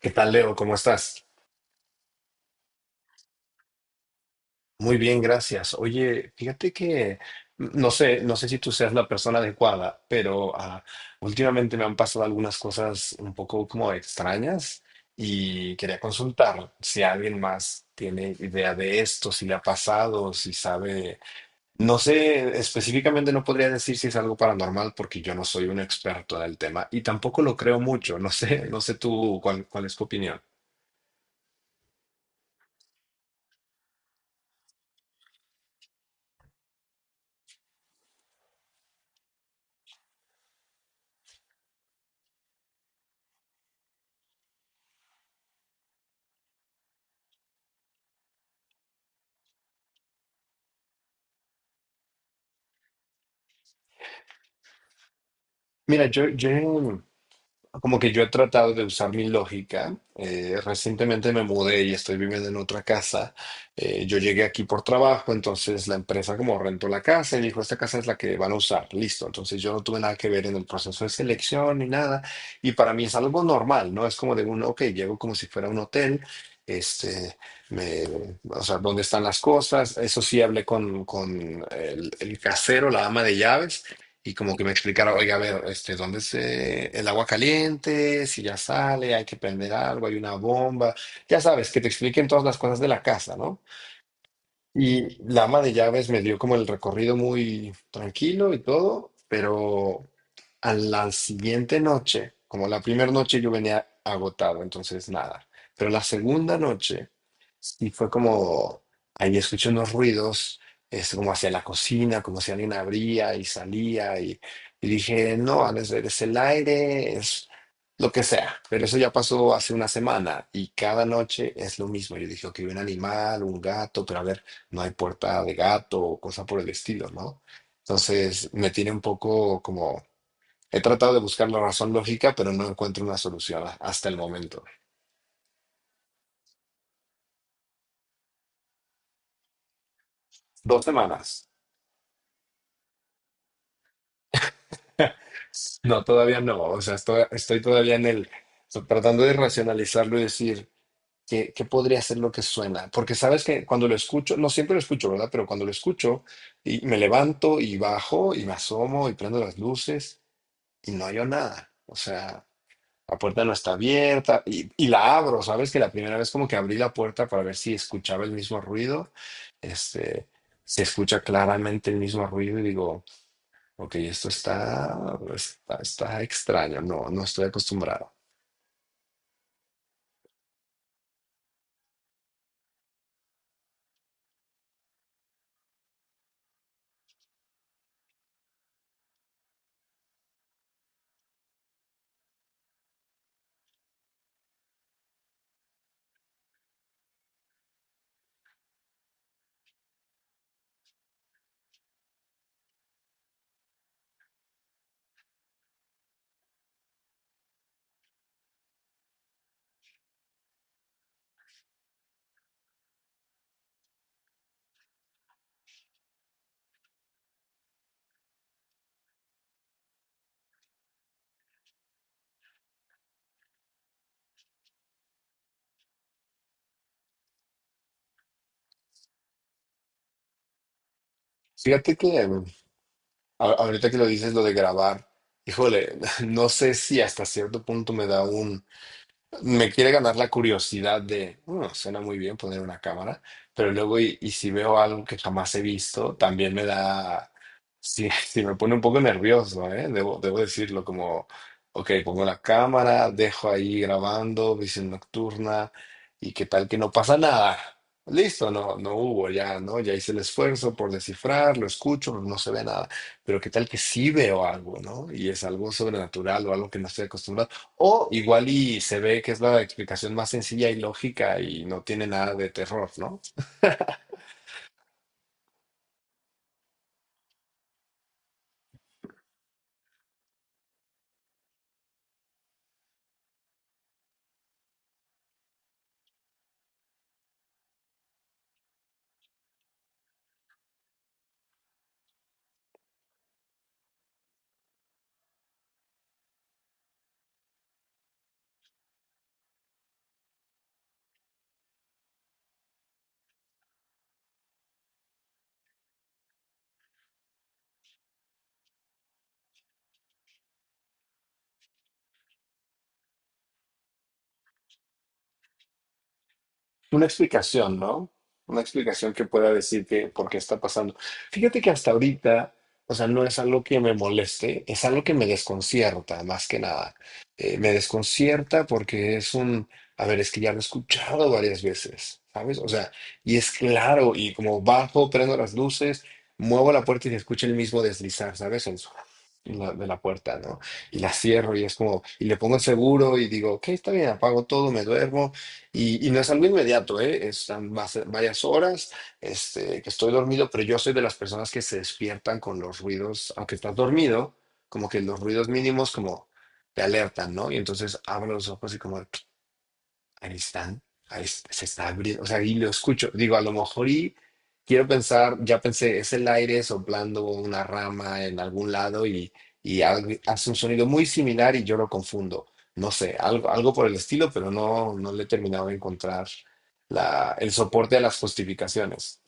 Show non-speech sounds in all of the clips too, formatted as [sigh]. ¿Qué tal, Leo? ¿Cómo estás? Muy bien, gracias. Oye, fíjate que no sé, no sé si tú seas la persona adecuada, pero últimamente me han pasado algunas cosas un poco como extrañas y quería consultar si alguien más tiene idea de esto, si le ha pasado, si sabe. No sé, específicamente no podría decir si es algo paranormal porque yo no soy un experto en el tema y tampoco lo creo mucho. No sé, no sé tú cuál es tu opinión. Mira, yo como que yo he tratado de usar mi lógica. Recientemente me mudé y estoy viviendo en otra casa. Yo llegué aquí por trabajo, entonces la empresa como rentó la casa y dijo, esta casa es la que van a usar, listo. Entonces yo no tuve nada que ver en el proceso de selección ni nada. Y para mí es algo normal, ¿no? Es como de un, ok, llego como si fuera un hotel. Este, me, o sea, dónde están las cosas. Eso sí, hablé con el casero, la ama de llaves. Y como que me explicara, oiga, a ver, este, ¿dónde es el agua caliente? Si ya sale, hay que prender algo, hay una bomba. Ya sabes, que te expliquen todas las cosas de la casa, ¿no? Y la ama de llaves me dio como el recorrido muy tranquilo y todo, pero a la siguiente noche, como la primera noche yo venía agotado, entonces nada. Pero la segunda noche sí fue como, ahí escuché unos ruidos, es como hacia la cocina, como si alguien abría y salía, y dije, no, no es, es el aire, es lo que sea. Pero eso ya pasó hace una semana y cada noche es lo mismo. Yo dije, ok, un animal, un gato, pero a ver no hay puerta de gato o cosa por el estilo, ¿no? Entonces me tiene un poco como, he tratado de buscar la razón lógica, pero no encuentro una solución hasta el momento. Dos semanas. [laughs] No, todavía no. O sea, estoy, estoy todavía en el, tratando de racionalizarlo y decir, ¿qué, qué podría ser lo que suena? Porque sabes que cuando lo escucho, no siempre lo escucho, ¿verdad? Pero cuando lo escucho, y me levanto y bajo y me asomo y prendo las luces y no hay nada. O sea, la puerta no está abierta y la abro, ¿sabes? Que la primera vez como que abrí la puerta para ver si escuchaba el mismo ruido, este, se escucha claramente el mismo ruido y digo, ok, esto está, está, está extraño, no, no estoy acostumbrado. Fíjate que ahorita que lo dices, lo de grabar, híjole, [laughs] no sé si hasta cierto punto me da un... Me quiere ganar la curiosidad de, "Mm, suena muy bien poner una cámara, pero luego y si veo algo que jamás he visto, también me da, sí, [laughs] sí me pone un poco nervioso, ¿eh? Debo decirlo como, ok, pongo la cámara, dejo ahí grabando, visión nocturna, y qué tal que no pasa nada. Listo, no, no hubo ya, ¿no? Ya hice el esfuerzo por descifrar, lo escucho, no se ve nada, pero qué tal que sí veo algo, ¿no? Y es algo sobrenatural o algo que no estoy acostumbrado. O igual y se ve que es la explicación más sencilla y lógica y no tiene nada de terror, ¿no? Una explicación, ¿no? Una explicación que pueda decir que por qué está pasando. Fíjate que hasta ahorita, o sea, no es algo que me moleste, es algo que me desconcierta, más que nada. Me desconcierta porque es un, a ver, es que ya lo he escuchado varias veces, ¿sabes? O sea, y es claro, y como bajo, prendo las luces, muevo la puerta y se escucha el mismo deslizar, ¿sabes? El de la puerta, ¿no? Y la cierro y es como, y le pongo el seguro y digo, ok, está bien, apago todo, me duermo y no es algo inmediato, ¿eh? Es va a ser varias horas, este, que estoy dormido, pero yo soy de las personas que se despiertan con los ruidos, aunque estás dormido, como que los ruidos mínimos como te alertan, ¿no? Y entonces abro los ojos y como, ahí están, ahí se está abriendo, o sea, y lo escucho, digo, a lo mejor y quiero pensar, ya pensé, es el aire soplando una rama en algún lado y hace un sonido muy similar y yo lo confundo, no sé, algo por el estilo, pero no, no le he terminado de encontrar la, el soporte a las justificaciones.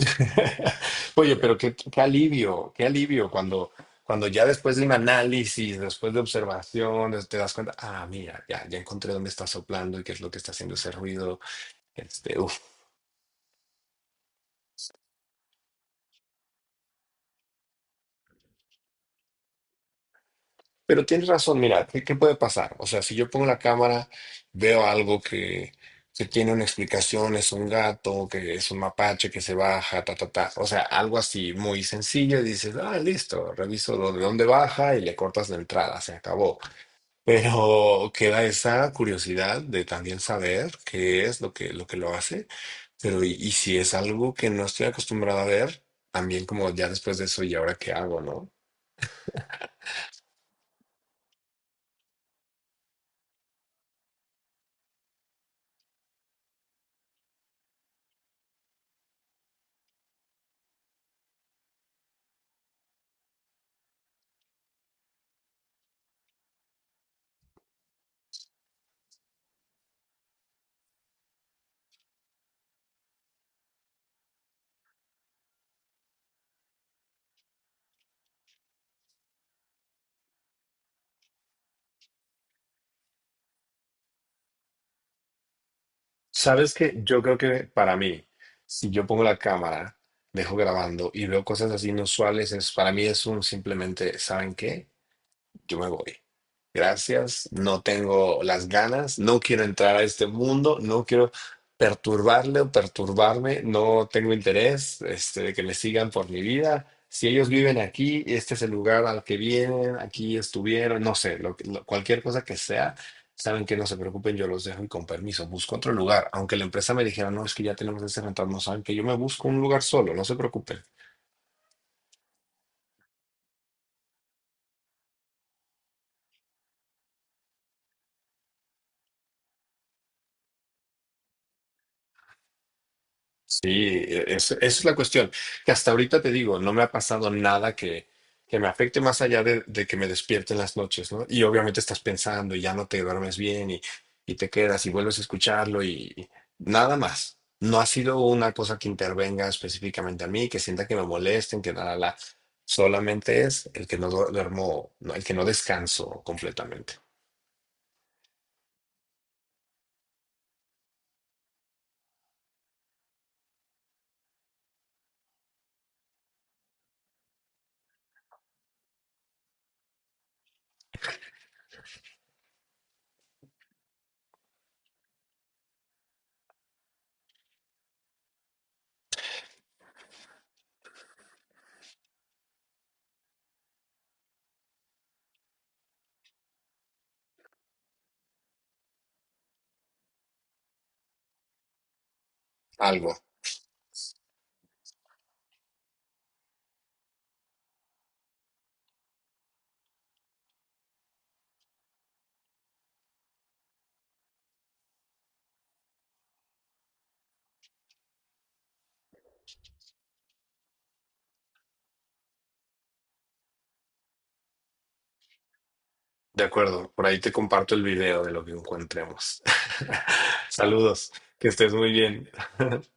[laughs] Oye, pero qué, qué alivio cuando, cuando ya después de un análisis, después de observaciones, te das cuenta, ah, mira, ya, ya encontré dónde está soplando y qué es lo que está haciendo ese ruido. Este, uf. Pero tienes razón, mira, ¿qué, qué puede pasar? O sea, si yo pongo la cámara, veo algo que tiene una explicación, es un gato, que es un mapache que se baja, ta, ta, ta. O sea, algo así muy sencillo y dices, ah, listo, reviso de dónde baja y le cortas la entrada, se acabó. Pero queda esa curiosidad de también saber qué es lo que, lo que lo hace, pero y si es algo que no estoy acostumbrado a ver, también como ya después de eso, ¿y ahora qué hago, no? Sabes que yo creo que para mí, si yo pongo la cámara, dejo grabando y veo cosas así inusuales, es, para mí es un simplemente, ¿saben qué? Yo me voy. Gracias, no tengo las ganas, no quiero entrar a este mundo, no quiero perturbarle o perturbarme, no tengo interés, este, de que me sigan por mi vida. Si ellos viven aquí, este es el lugar al que vienen, aquí estuvieron, no sé, cualquier cosa que sea, saben que no se preocupen, yo los dejo y con permiso busco otro lugar. Aunque la empresa me dijera, no, es que ya tenemos ese rental, no saben que yo me busco un lugar solo, no se preocupen. Sí, esa es la cuestión. Que hasta ahorita te digo, no me ha pasado nada que, que me afecte más allá de que me despierte en las noches, ¿no? Y obviamente estás pensando y ya no te duermes bien y te quedas y vuelves a escucharlo y nada más. No ha sido una cosa que intervenga específicamente a mí, que sienta que me molesten, que nada, la, solamente es el que no duermo, no, el que no descanso completamente. Algo. De acuerdo, por ahí te comparto el video de lo que encontremos. [laughs] Saludos, que estés muy bien. [laughs]